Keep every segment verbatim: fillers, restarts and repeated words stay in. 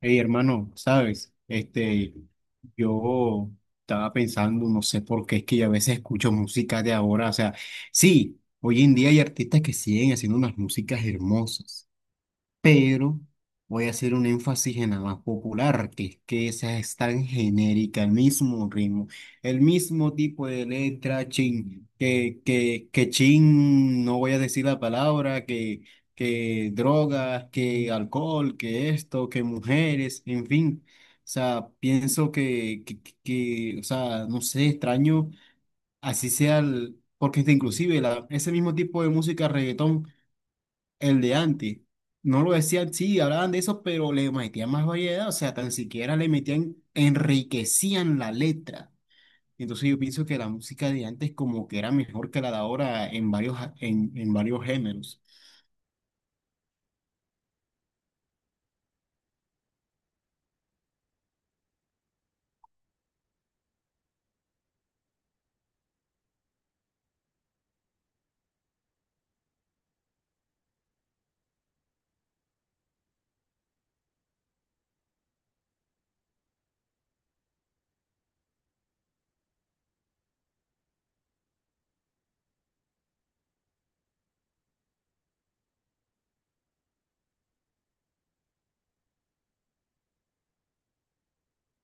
Hey, hermano, sabes, este, yo estaba pensando, no sé por qué es que yo a veces escucho música de ahora, o sea, sí, hoy en día hay artistas que siguen haciendo unas músicas hermosas, pero voy a hacer un énfasis en la más popular, que es que esa es tan genérica, el mismo ritmo, el mismo tipo de letra, chin, que, que, que chin, no voy a decir la palabra, que, que drogas, que alcohol, que esto, que mujeres, en fin. O sea, pienso que, que, que- que, o sea, no sé, extraño, así sea el, porque inclusive la, ese mismo tipo de música, reggaetón, el de antes. No lo decían, sí, hablaban de eso, pero le metían más variedad, o sea, tan siquiera le metían, enriquecían la letra. Entonces yo pienso que la música de antes como que era mejor que la de ahora en varios, a- en, en varios géneros.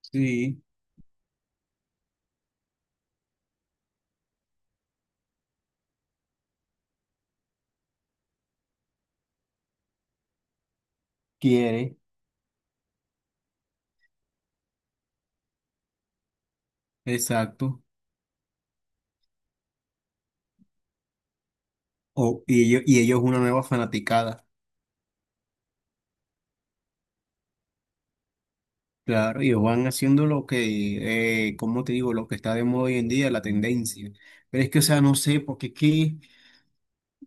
Sí, quiere, exacto. O, y ellos, y ellos una nueva fanaticada. Claro, ellos van haciendo lo que, eh, ¿cómo te digo? Lo que está de moda hoy en día, la tendencia. Pero es que, o sea, no sé, porque es que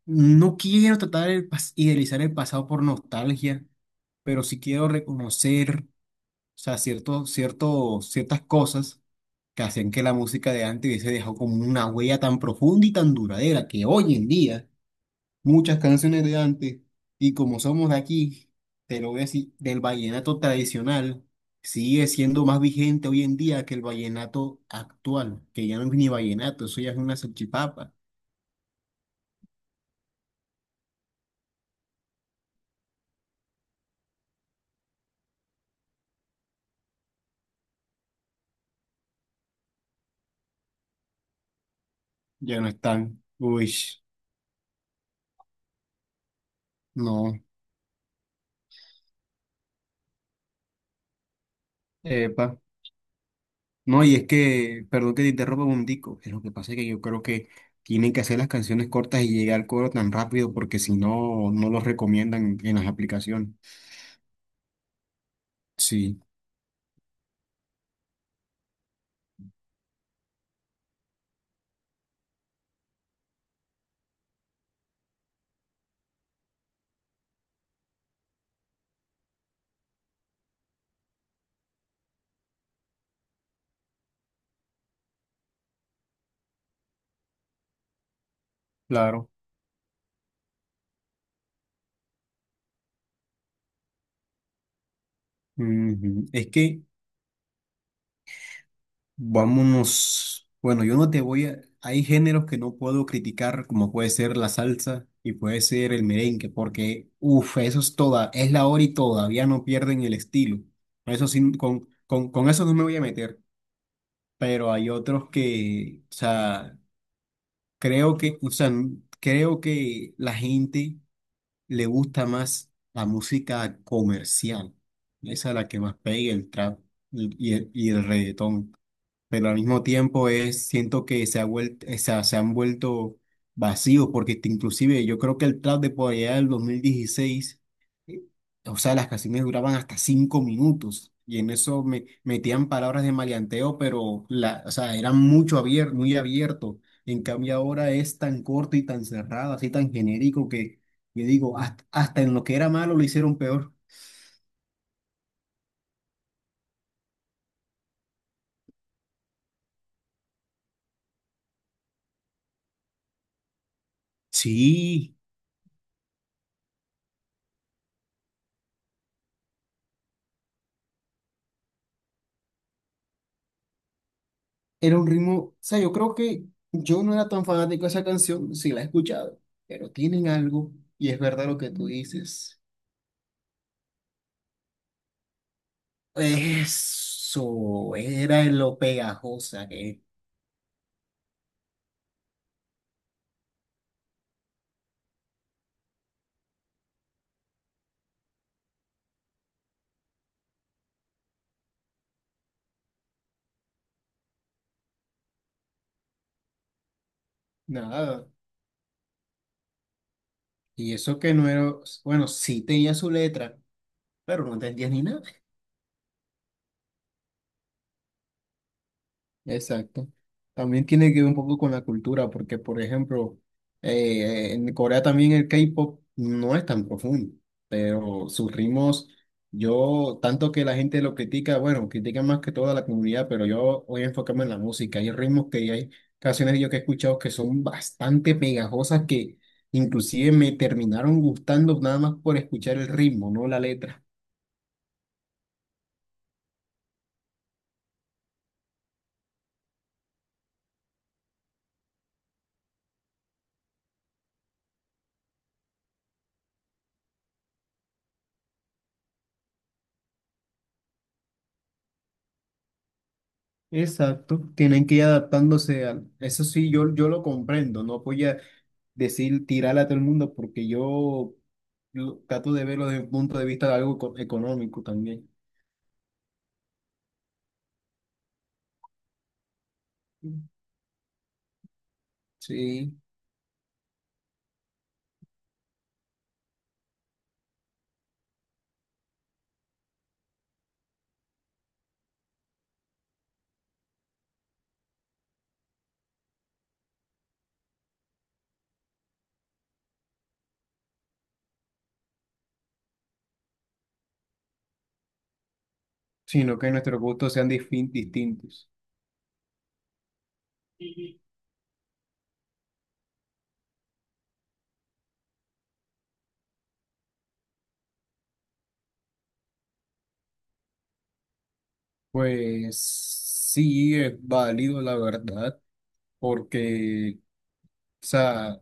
no quiero tratar de idealizar el pasado por nostalgia, pero sí quiero reconocer, o sea, cierto, cierto, ciertas cosas que hacían que la música de antes hubiese dejado como una huella tan profunda y tan duradera que hoy en día muchas canciones de antes, y como somos de aquí, te lo voy a decir, del vallenato tradicional, sigue siendo más vigente hoy en día que el vallenato actual, que ya no es ni vallenato, eso ya es una salchipapa, ya no están, uy, no. Epa. No, y es que, perdón que te interrumpa un tico, es lo que pasa es que yo creo que tienen que hacer las canciones cortas y llegar al coro tan rápido porque si no, no los recomiendan en las aplicaciones. Sí, claro. Ujú. Es que vámonos, bueno, yo no te voy a, hay géneros que no puedo criticar como puede ser la salsa y puede ser el merengue porque, uff, eso es toda, es la hora y todavía no pierden el estilo. Eso sí, con, con, con eso no me voy a meter. Pero hay otros que, o sea, creo que, o sea, n- creo que la gente le gusta más la música comercial, esa es la que más pega, el trap y y el, y el reggaetón. Pero al mismo tiempo es, siento que se ha vuelto, o sea, se han vuelto vacíos, porque este, inclusive yo creo que el trap de por allá del dos mil dieciséis, eh, o sea, las canciones duraban hasta cinco minutos, y en eso me metían palabras de maleanteo, pero la, o sea, eran mucho abier- muy abierto. En cambio ahora es tan corto y tan cerrado, así tan genérico que yo digo, hasta, hasta en lo que era malo lo hicieron peor. Sí, era un ritmo, o sea, yo creo que yo no era tan fanático de esa canción, sí la he escuchado, pero tienen algo, y es verdad lo que tú dices. Eso era lo pegajosa que es. Nada. Y eso que no era, bueno, sí tenía su letra, pero no entendía ni nada. Exacto. También tiene que ver un poco con la cultura, porque por ejemplo, eh, en Corea también el K-pop no es tan profundo, pero sus ritmos, yo, tanto que la gente lo critica, bueno, critica más que toda la comunidad, pero yo voy a enfocarme en la música. Hay ritmos, que hay canciones yo que he escuchado que son bastante pegajosas que inclusive me terminaron gustando nada más por escuchar el ritmo, no la letra. Exacto, tienen que ir adaptándose al... Eso sí, yo, yo lo comprendo, no voy a decir tirarle a todo el mundo porque yo lo- trato de verlo desde un punto de vista de algo eco- económico también. Sí. Sino que nuestros gustos sean disfin- distintos. Pues sí, es válido, la verdad, porque, o sea,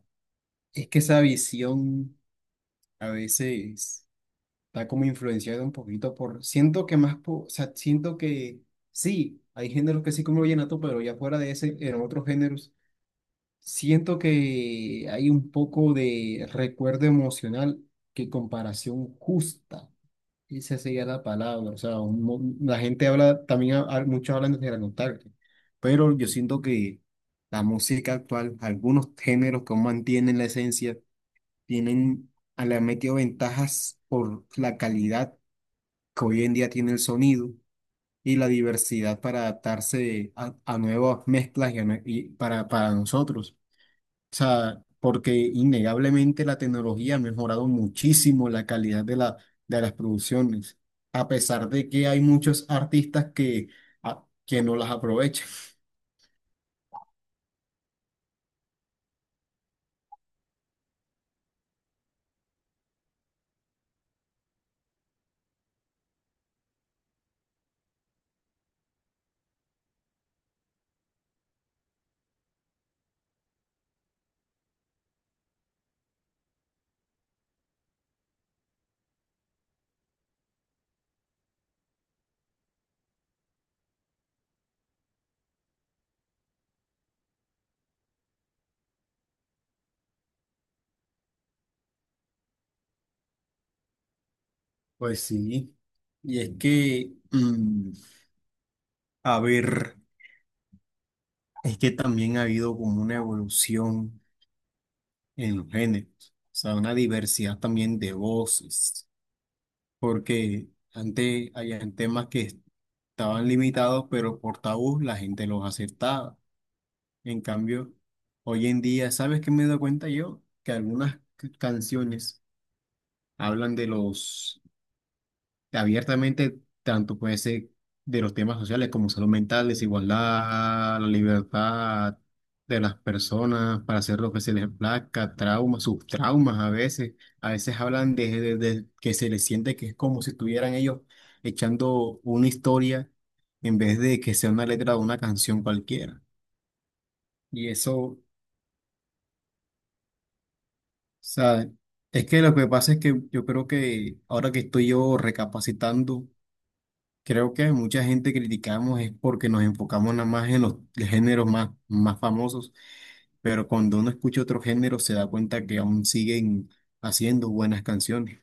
es que esa visión a veces... está como influenciado un poquito por, siento que más, po- o sea, siento que sí, hay géneros que sí, como el vallenato, pero ya fuera de ese, en otros géneros, siento que hay un poco de recuerdo emocional que comparación justa, esa sería la palabra, o sea, un- la gente habla, también ha- ha- muchos hablan de la nostalgia, pero yo siento que la música actual, algunos géneros que aún mantienen la esencia, tienen, le han metido ventajas por la calidad que hoy en día tiene el sonido y la diversidad para adaptarse a, a nuevas mezclas y, a nue- y para, para nosotros. O sea, porque innegablemente la tecnología ha mejorado muchísimo la calidad de la, de las producciones, a pesar de que hay muchos artistas que, a- que no las aprovechan. Pues sí, y es que, mm, a ver, es que también ha habido como una evolución en los géneros, o sea, una diversidad también de voces, porque antes habían temas que estaban limitados, pero por tabú la gente los aceptaba. En cambio, hoy en día, ¿sabes qué me doy cuenta yo? Que algunas c- canciones hablan de los abiertamente, tanto puede ser de los temas sociales como salud mental, desigualdad, la libertad de las personas para hacer lo que se les plazca, traumas, sus traumas a veces. A veces hablan de, de- de que se les siente que es como si estuvieran ellos echando una historia en vez de que sea una letra de una canción cualquiera. Y eso, o sea, es que lo que pasa es que yo creo que ahora que estoy yo recapacitando, creo que mucha gente criticamos es porque nos enfocamos nada más en los géneros más, más famosos, pero cuando uno escucha otro género se da cuenta que aún siguen haciendo buenas canciones.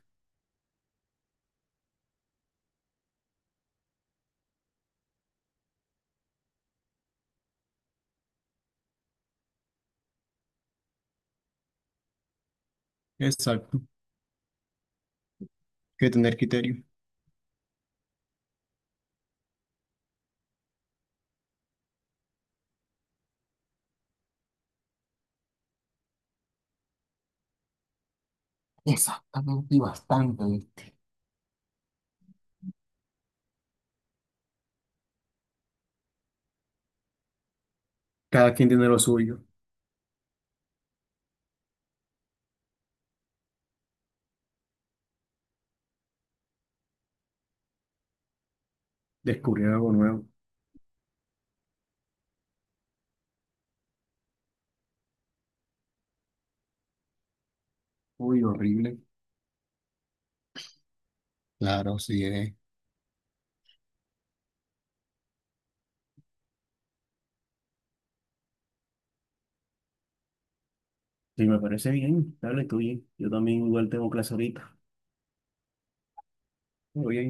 Exacto, que tener criterio. Cada quien tiene lo suyo. Descubrir algo nuevo. Uy, horrible. Claro, sí es. Sí, me parece bien. Dale, tú bien. Yo también igual tengo clase ahorita. Oye,